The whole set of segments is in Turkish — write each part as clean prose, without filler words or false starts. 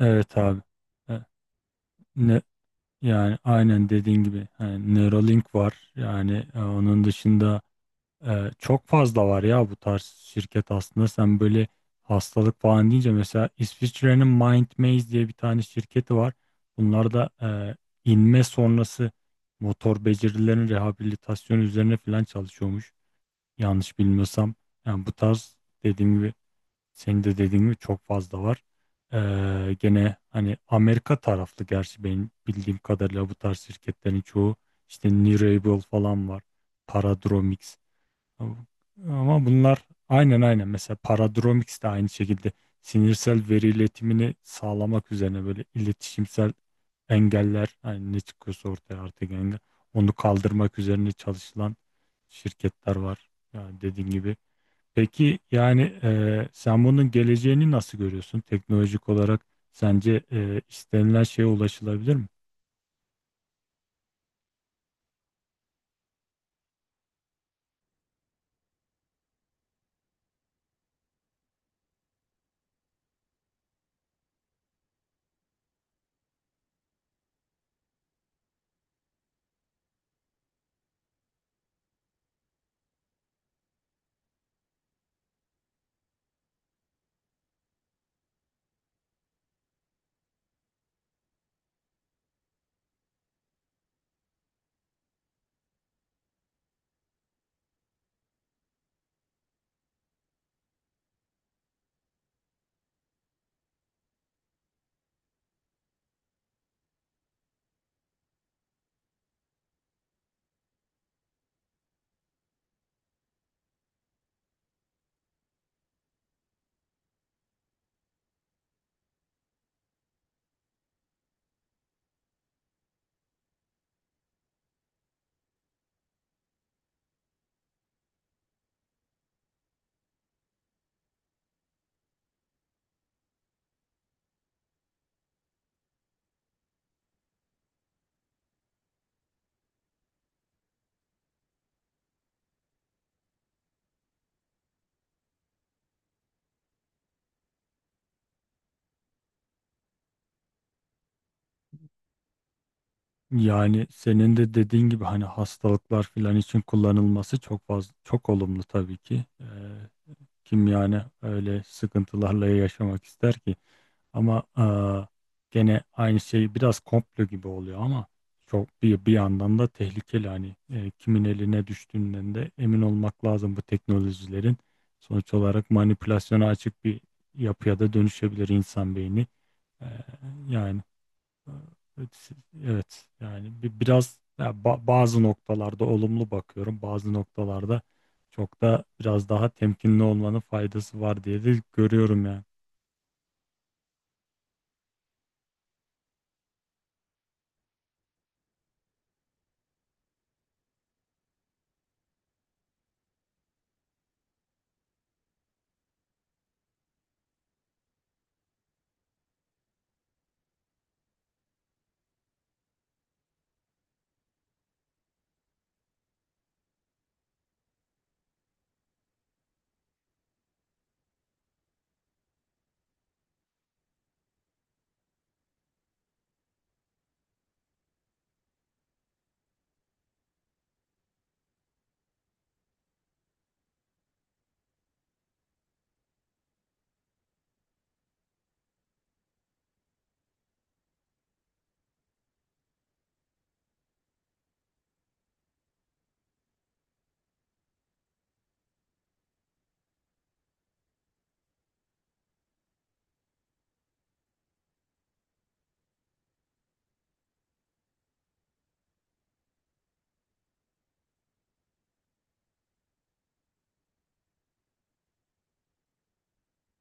Evet abi. E, Ne, Yani aynen dediğin gibi, yani Neuralink var. Yani onun dışında çok fazla var ya bu tarz şirket aslında. Sen böyle hastalık falan deyince mesela İsviçre'nin Mindmaze diye bir tane şirketi var. Bunlar da inme sonrası motor becerilerin rehabilitasyonu üzerine falan çalışıyormuş. Yanlış bilmiyorsam. Yani bu tarz, dediğim gibi, senin de dediğin gibi çok fazla var. Gene hani Amerika taraflı, gerçi benim bildiğim kadarıyla bu tarz şirketlerin çoğu işte Nirable falan var. Paradromics. Ama bunlar aynen mesela Paradromics de aynı şekilde sinirsel veri iletimini sağlamak üzerine, böyle iletişimsel engeller, hani ne çıkıyorsa ortaya artık engel, onu kaldırmak üzerine çalışılan şirketler var. Yani dediğin gibi. Peki yani sen bunun geleceğini nasıl görüyorsun? Teknolojik olarak sence istenilen şeye ulaşılabilir mi? Yani senin de dediğin gibi hani hastalıklar filan için kullanılması çok fazla, çok olumlu tabii ki. Kim yani öyle sıkıntılarla yaşamak ister ki? Ama gene aynı şey biraz komplo gibi oluyor ama çok, bir bir yandan da tehlikeli. Hani kimin eline düştüğünden de emin olmak lazım bu teknolojilerin. Sonuç olarak manipülasyona açık bir yapıya da dönüşebilir insan beyni. Eee, yani. Evet, evet. Yani biraz ya, bazı noktalarda olumlu bakıyorum, bazı noktalarda çok da biraz daha temkinli olmanın faydası var diye de görüyorum yani.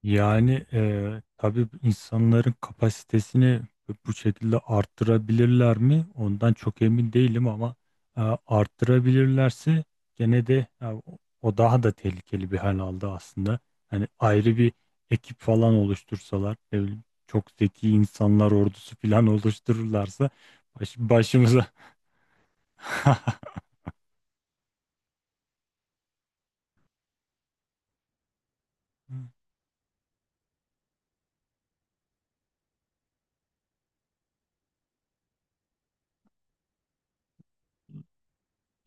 Yani tabii insanların kapasitesini bu şekilde arttırabilirler mi? Ondan çok emin değilim ama e, arttırabilirlerse gene de e, o o daha da tehlikeli bir hal aldı aslında. Hani ayrı bir ekip falan oluştursalar, ne bileyim, çok zeki insanlar ordusu falan oluştururlarsa başımıza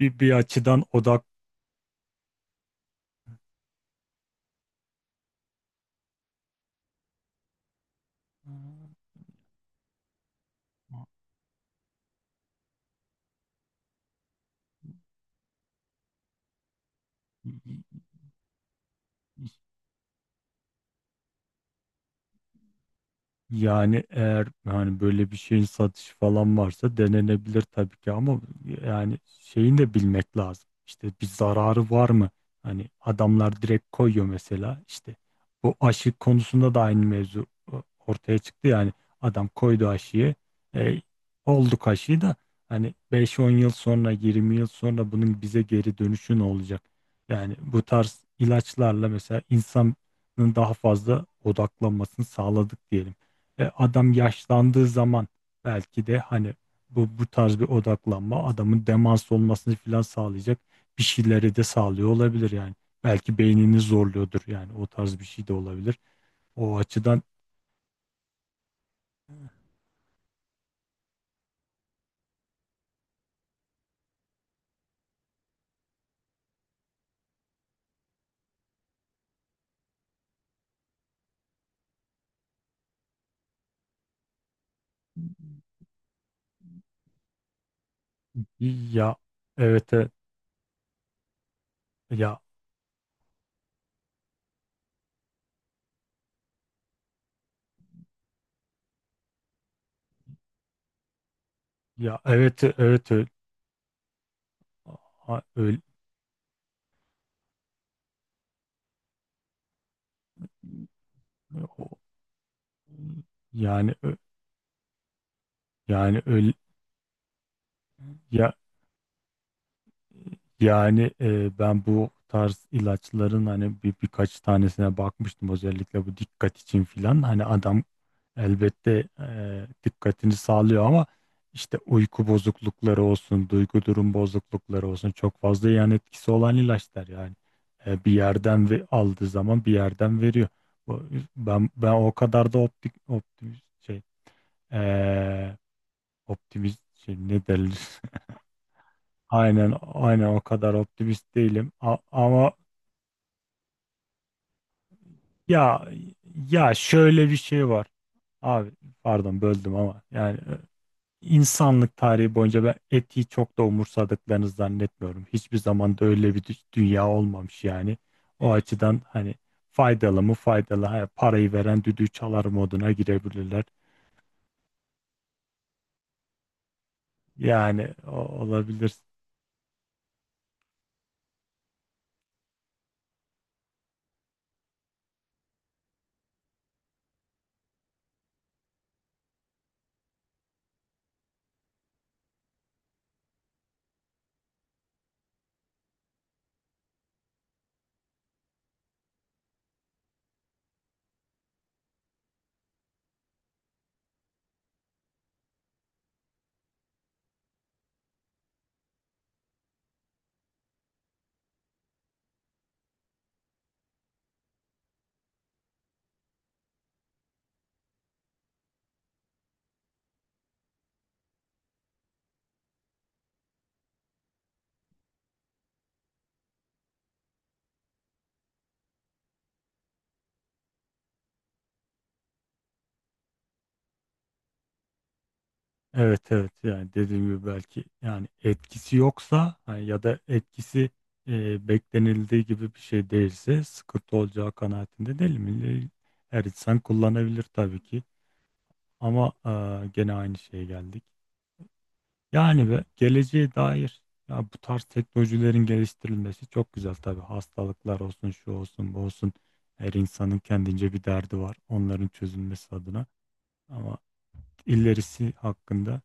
bir, bir açıdan odak. Yani eğer hani böyle bir şeyin satışı falan varsa denenebilir tabii ki ama yani şeyini de bilmek lazım. İşte bir zararı var mı? Hani adamlar direkt koyuyor mesela. İşte bu aşı konusunda da aynı mevzu e, ortaya çıktı yani. Adam koydu aşıyı, e, olduk aşıyı da, hani beş on yıl sonra, 20 yıl sonra bunun bize geri dönüşü ne olacak? Yani bu tarz ilaçlarla mesela insanın daha fazla odaklanmasını sağladık diyelim. Adam yaşlandığı zaman belki de hani bu tarz bir odaklanma adamın demans olmasını falan sağlayacak bir şeyleri de sağlıyor olabilir yani. Belki beynini zorluyordur yani, o tarz bir şey de olabilir. O açıdan ya, evet, ya evet, evet öyle, öyle. o- yani ö- Öyle ya. Yani ben bu tarz ilaçların hani bir birkaç tanesine bakmıştım, özellikle bu dikkat için filan. Hani adam elbette dikkatini sağlıyor ama işte uyku bozuklukları olsun, duygu durum bozuklukları olsun çok fazla yan etkisi olan ilaçlar yani. Bir yerden ve aldığı zaman bir yerden veriyor. Bu- Ben o kadar da optimist şey, e, optimist şey ne derler. Aynen, aynen, o kadar optimist değilim. A- ama ya, ya şöyle bir şey var. Abi, pardon böldüm ama yani insanlık tarihi boyunca ben etiği çok da umursadıklarını zannetmiyorum. Hiçbir zaman da öyle bir dünya olmamış yani. O açıdan hani faydalı mı faydalı. Ha, parayı veren düdüğü çalar moduna girebilirler. Yani o- olabilir. Evet, evet, yani dediğim gibi belki yani etkisi yoksa, hani ya da etkisi beklenildiği gibi bir şey değilse sıkıntı olacağı kanaatinde değil mi? Her insan kullanabilir tabii ki ama gene aynı şeye geldik. Yani ve geleceğe dair, ya bu tarz teknolojilerin geliştirilmesi çok güzel tabii, hastalıklar olsun, şu olsun, bu olsun, her insanın kendince bir derdi var, onların çözülmesi adına. Ama ilerisi hakkında,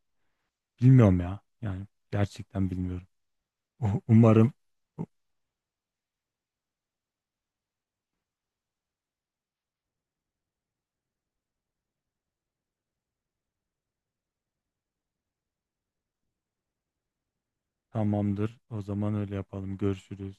bilmiyorum ya. Yani gerçekten bilmiyorum. Umarım. Tamamdır. O zaman öyle yapalım. Görüşürüz.